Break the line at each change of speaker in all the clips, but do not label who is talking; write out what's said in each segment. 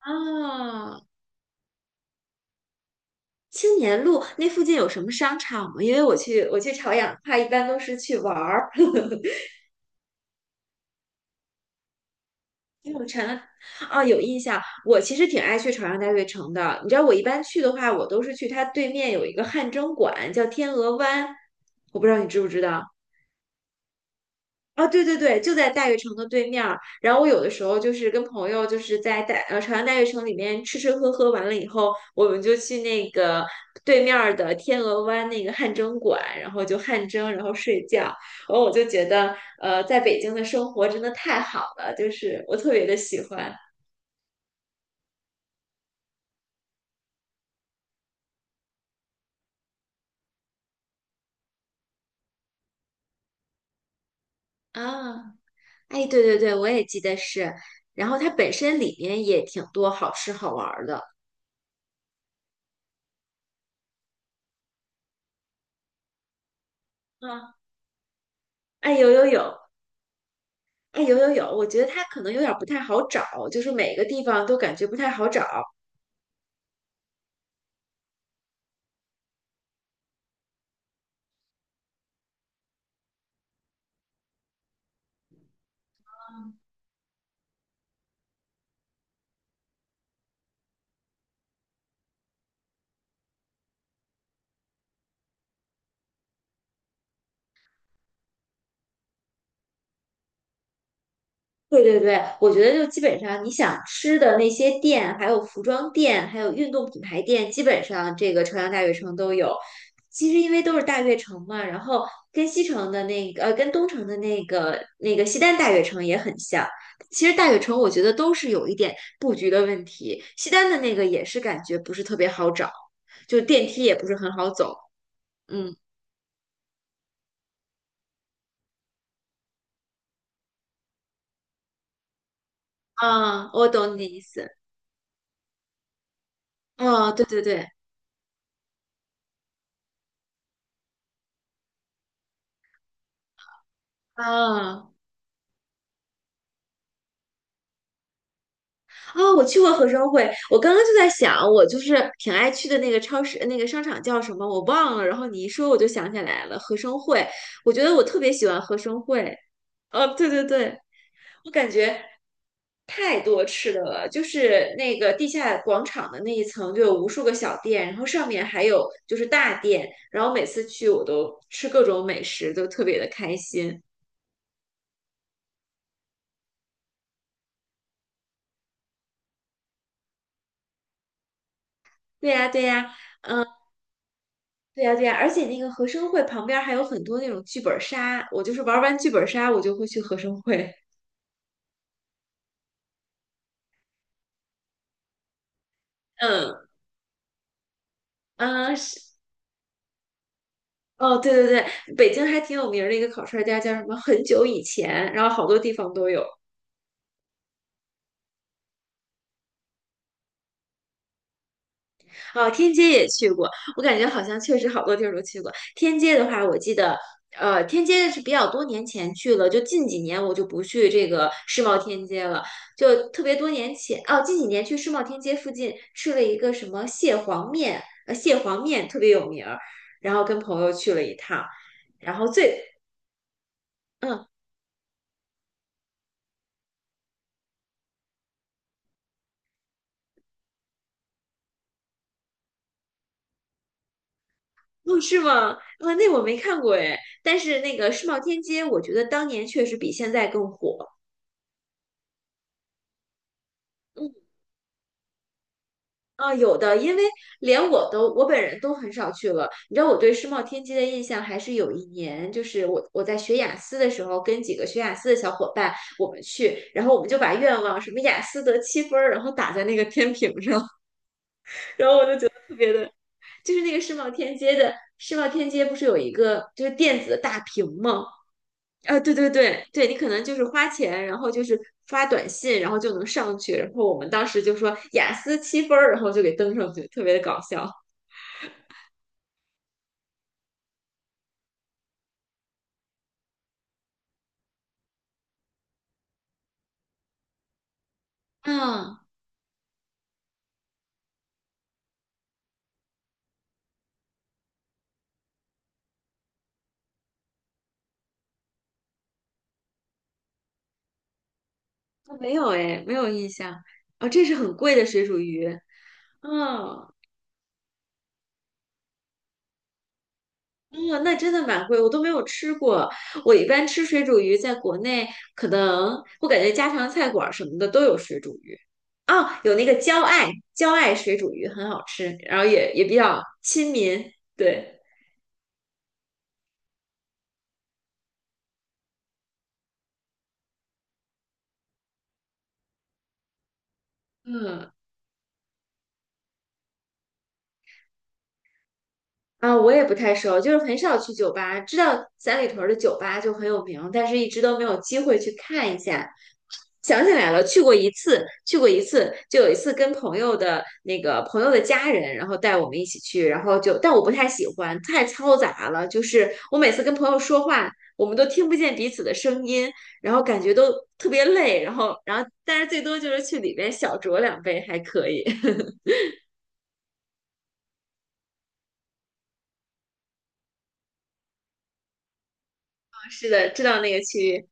啊，青年路那附近有什么商场吗？因为我去朝阳的话，一般都是去玩儿。因为我长安啊，有印象。我其实挺爱去朝阳大悦城的。你知道，我一般去的话，我都是去它对面有一个汗蒸馆，叫天鹅湾。我不知道你知不知道。啊，对对对，就在大悦城的对面儿。然后我有的时候就是跟朋友就是在朝阳大悦城里面吃吃喝喝完了以后，我们就去那个对面儿的天鹅湾那个汗蒸馆，然后就汗蒸，然后睡觉。然后我就觉得，在北京的生活真的太好了，就是我特别的喜欢啊。哎，对对对，我也记得是。然后它本身里面也挺多好吃好玩儿的。啊，哎，有有有，哎，有有有，我觉得它可能有点儿不太好找，就是每个地方都感觉不太好找。对对对，我觉得就基本上你想吃的那些店，还有服装店，还有运动品牌店，基本上这个朝阳大悦城都有。其实因为都是大悦城嘛，然后跟西城的跟东城的那个西单大悦城也很像。其实大悦城我觉得都是有一点布局的问题，西单的那个也是感觉不是特别好找，就电梯也不是很好走。嗯。啊，我懂你的意思。哦，对对对，啊啊，我去过合生汇，我刚刚就在想，我就是挺爱去的那个超市，那个商场叫什么我忘了，然后你一说我就想起来了，合生汇。我觉得我特别喜欢合生汇。哦，对对对，我感觉太多吃的了，就是那个地下广场的那一层就有无数个小店，然后上面还有就是大店，然后每次去我都吃各种美食，都特别的开心。对呀，对呀。对呀，对呀，而且那个和生汇旁边儿还有很多那种剧本杀，我就是玩完剧本杀，我就会去和生汇。嗯嗯，是哦，对对对，北京还挺有名儿的一个烤串儿家叫什么？很久以前，然后好多地方都有。哦，天街也去过，我感觉好像确实好多地儿都去过。天街的话，我记得，天街是比较多年前去了，就近几年我就不去这个世贸天街了，就特别多年前，哦，近几年去世贸天街附近吃了一个什么蟹黄面，蟹黄面特别有名儿，然后跟朋友去了一趟，然后最，嗯，哦，是吗？啊，那我没看过哎，但是那个世贸天街，我觉得当年确实比现在更火，嗯。啊，有的，因为连我本人都很少去了。你知道我对世贸天阶的印象，还是有一年，就是我在学雅思的时候，跟几个学雅思的小伙伴，我们去，然后我们就把愿望什么雅思得七分儿，然后打在那个天平上，然后我就觉得特别的，就是那个世贸天阶不是有一个就是电子的大屏吗？啊，对对对对，你可能就是花钱，然后就是发短信，然后就能上去。然后我们当时就说雅思七分儿，然后就给登上去，特别的搞笑。嗯，没有哎，没有印象。哦，这是很贵的水煮鱼。嗯嗯，那真的蛮贵，我都没有吃过。我一般吃水煮鱼，在国内可能我感觉家常菜馆儿什么的都有水煮鱼。哦，有那个焦爱水煮鱼很好吃，然后也比较亲民。对，嗯。啊，我也不太熟，就是很少去酒吧，知道三里屯儿的酒吧就很有名，但是一直都没有机会去看一下。想起来了，去过一次，去过一次，就有一次跟朋友的那个朋友的家人，然后带我们一起去，然后就，但我不太喜欢，太嘈杂了，就是我每次跟朋友说话，我们都听不见彼此的声音，然后感觉都特别累，然后，然后，但是最多就是去里边小酌两杯还可以。是的，知道那个区域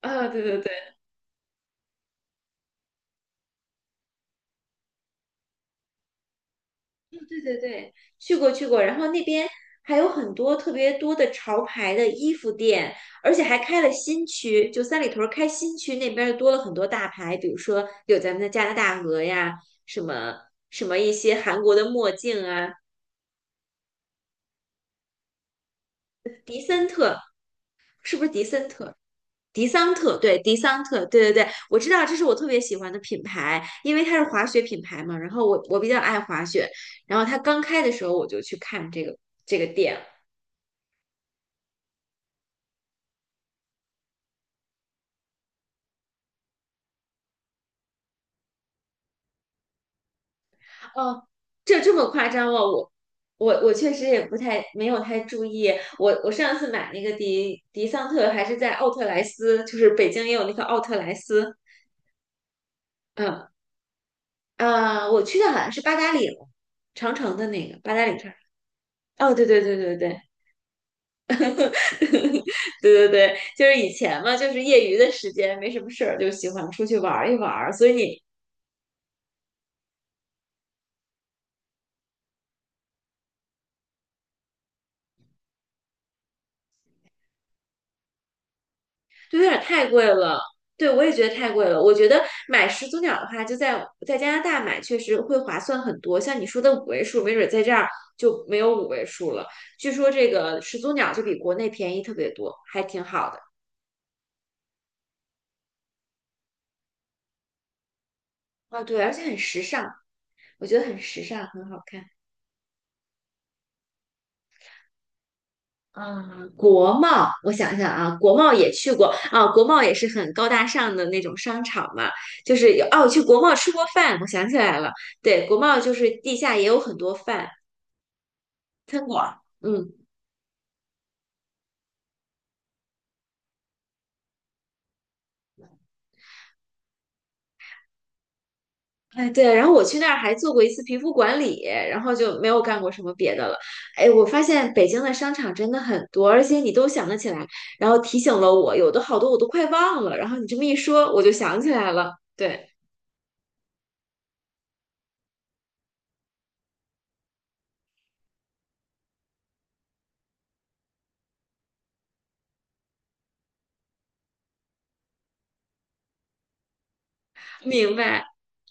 啊，对对对。对对对，去过去过，然后那边还有很多特别多的潮牌的衣服店，而且还开了新区，就三里屯儿开新区那边儿多了很多大牌，比如说有咱们的加拿大鹅呀，什么什么一些韩国的墨镜啊，迪森特是不是迪森特？迪桑特，对，迪桑特，对对对，我知道这是我特别喜欢的品牌，因为它是滑雪品牌嘛，然后我比较爱滑雪，然后它刚开的时候我就去看这个店。哦，这这么夸张吗？我确实也不太没有太注意。我上次买那个迪桑特还是在奥特莱斯，就是北京也有那个奥特莱斯。嗯啊，我去的好像是八达岭，长城的那个八达岭上。哦，对对对对对 对对对，就是以前嘛，就是业余的时间没什么事儿，就喜欢出去玩一玩儿。所以你对，有点太贵了。对，我也觉得太贵了。我觉得买始祖鸟的话，就在加拿大买，确实会划算很多。像你说的五位数，没准在这儿就没有五位数了。据说这个始祖鸟就比国内便宜特别多，还挺好的。啊，对，而且很时尚，我觉得很时尚，很好看。嗯，国贸，我想想啊，国贸也去过啊，国贸也是很高大上的那种商场嘛，就是有哦，我去国贸吃过饭，我想起来了，对，国贸就是地下也有很多饭，嗯。哎，对，然后我去那儿还做过一次皮肤管理，然后就没有干过什么别的了。哎，我发现北京的商场真的很多，而且你都想得起来，然后提醒了我，有的好多我都快忘了，然后你这么一说，我就想起来了。对，明白。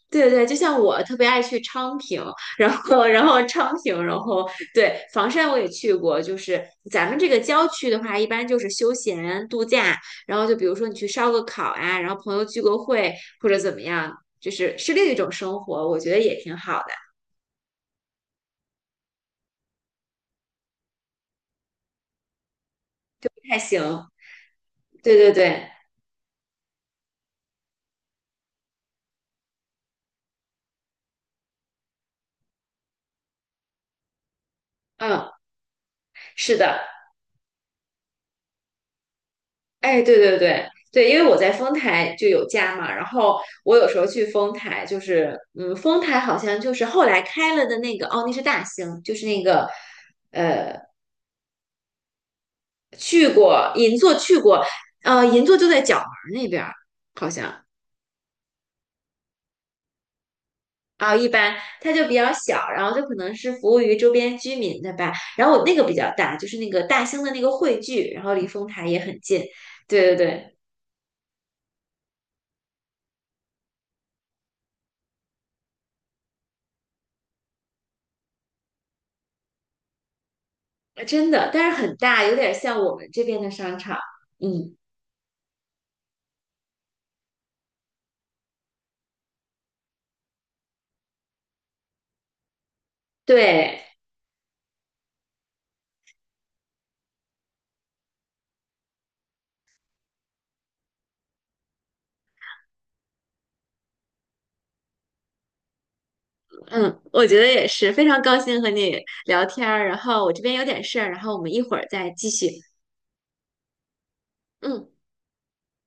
对对，就像我特别爱去昌平，然后昌平，然后对房山我也去过，就是咱们这个郊区的话，一般就是休闲度假，然后就比如说你去烧个烤啊，然后朋友聚个会或者怎么样，就是另一种生活，我觉得也挺好的，还行。对对对，嗯，是的。哎，对对对对，因为我在丰台就有家嘛，然后我有时候去丰台，就是嗯，丰台好像就是后来开了的那个，哦，那是大兴，就是那个去过银座去过，银座就在角门那边儿，好像啊，一般它就比较小，然后就可能是服务于周边居民的吧，然后我那个比较大，就是那个大兴的那个汇聚，然后离丰台也很近，对对对，真的，但是很大，有点像我们这边的商场，嗯，对。嗯，我觉得也是，非常高兴和你聊天儿。然后我这边有点事儿，然后我们一会儿再继续。嗯。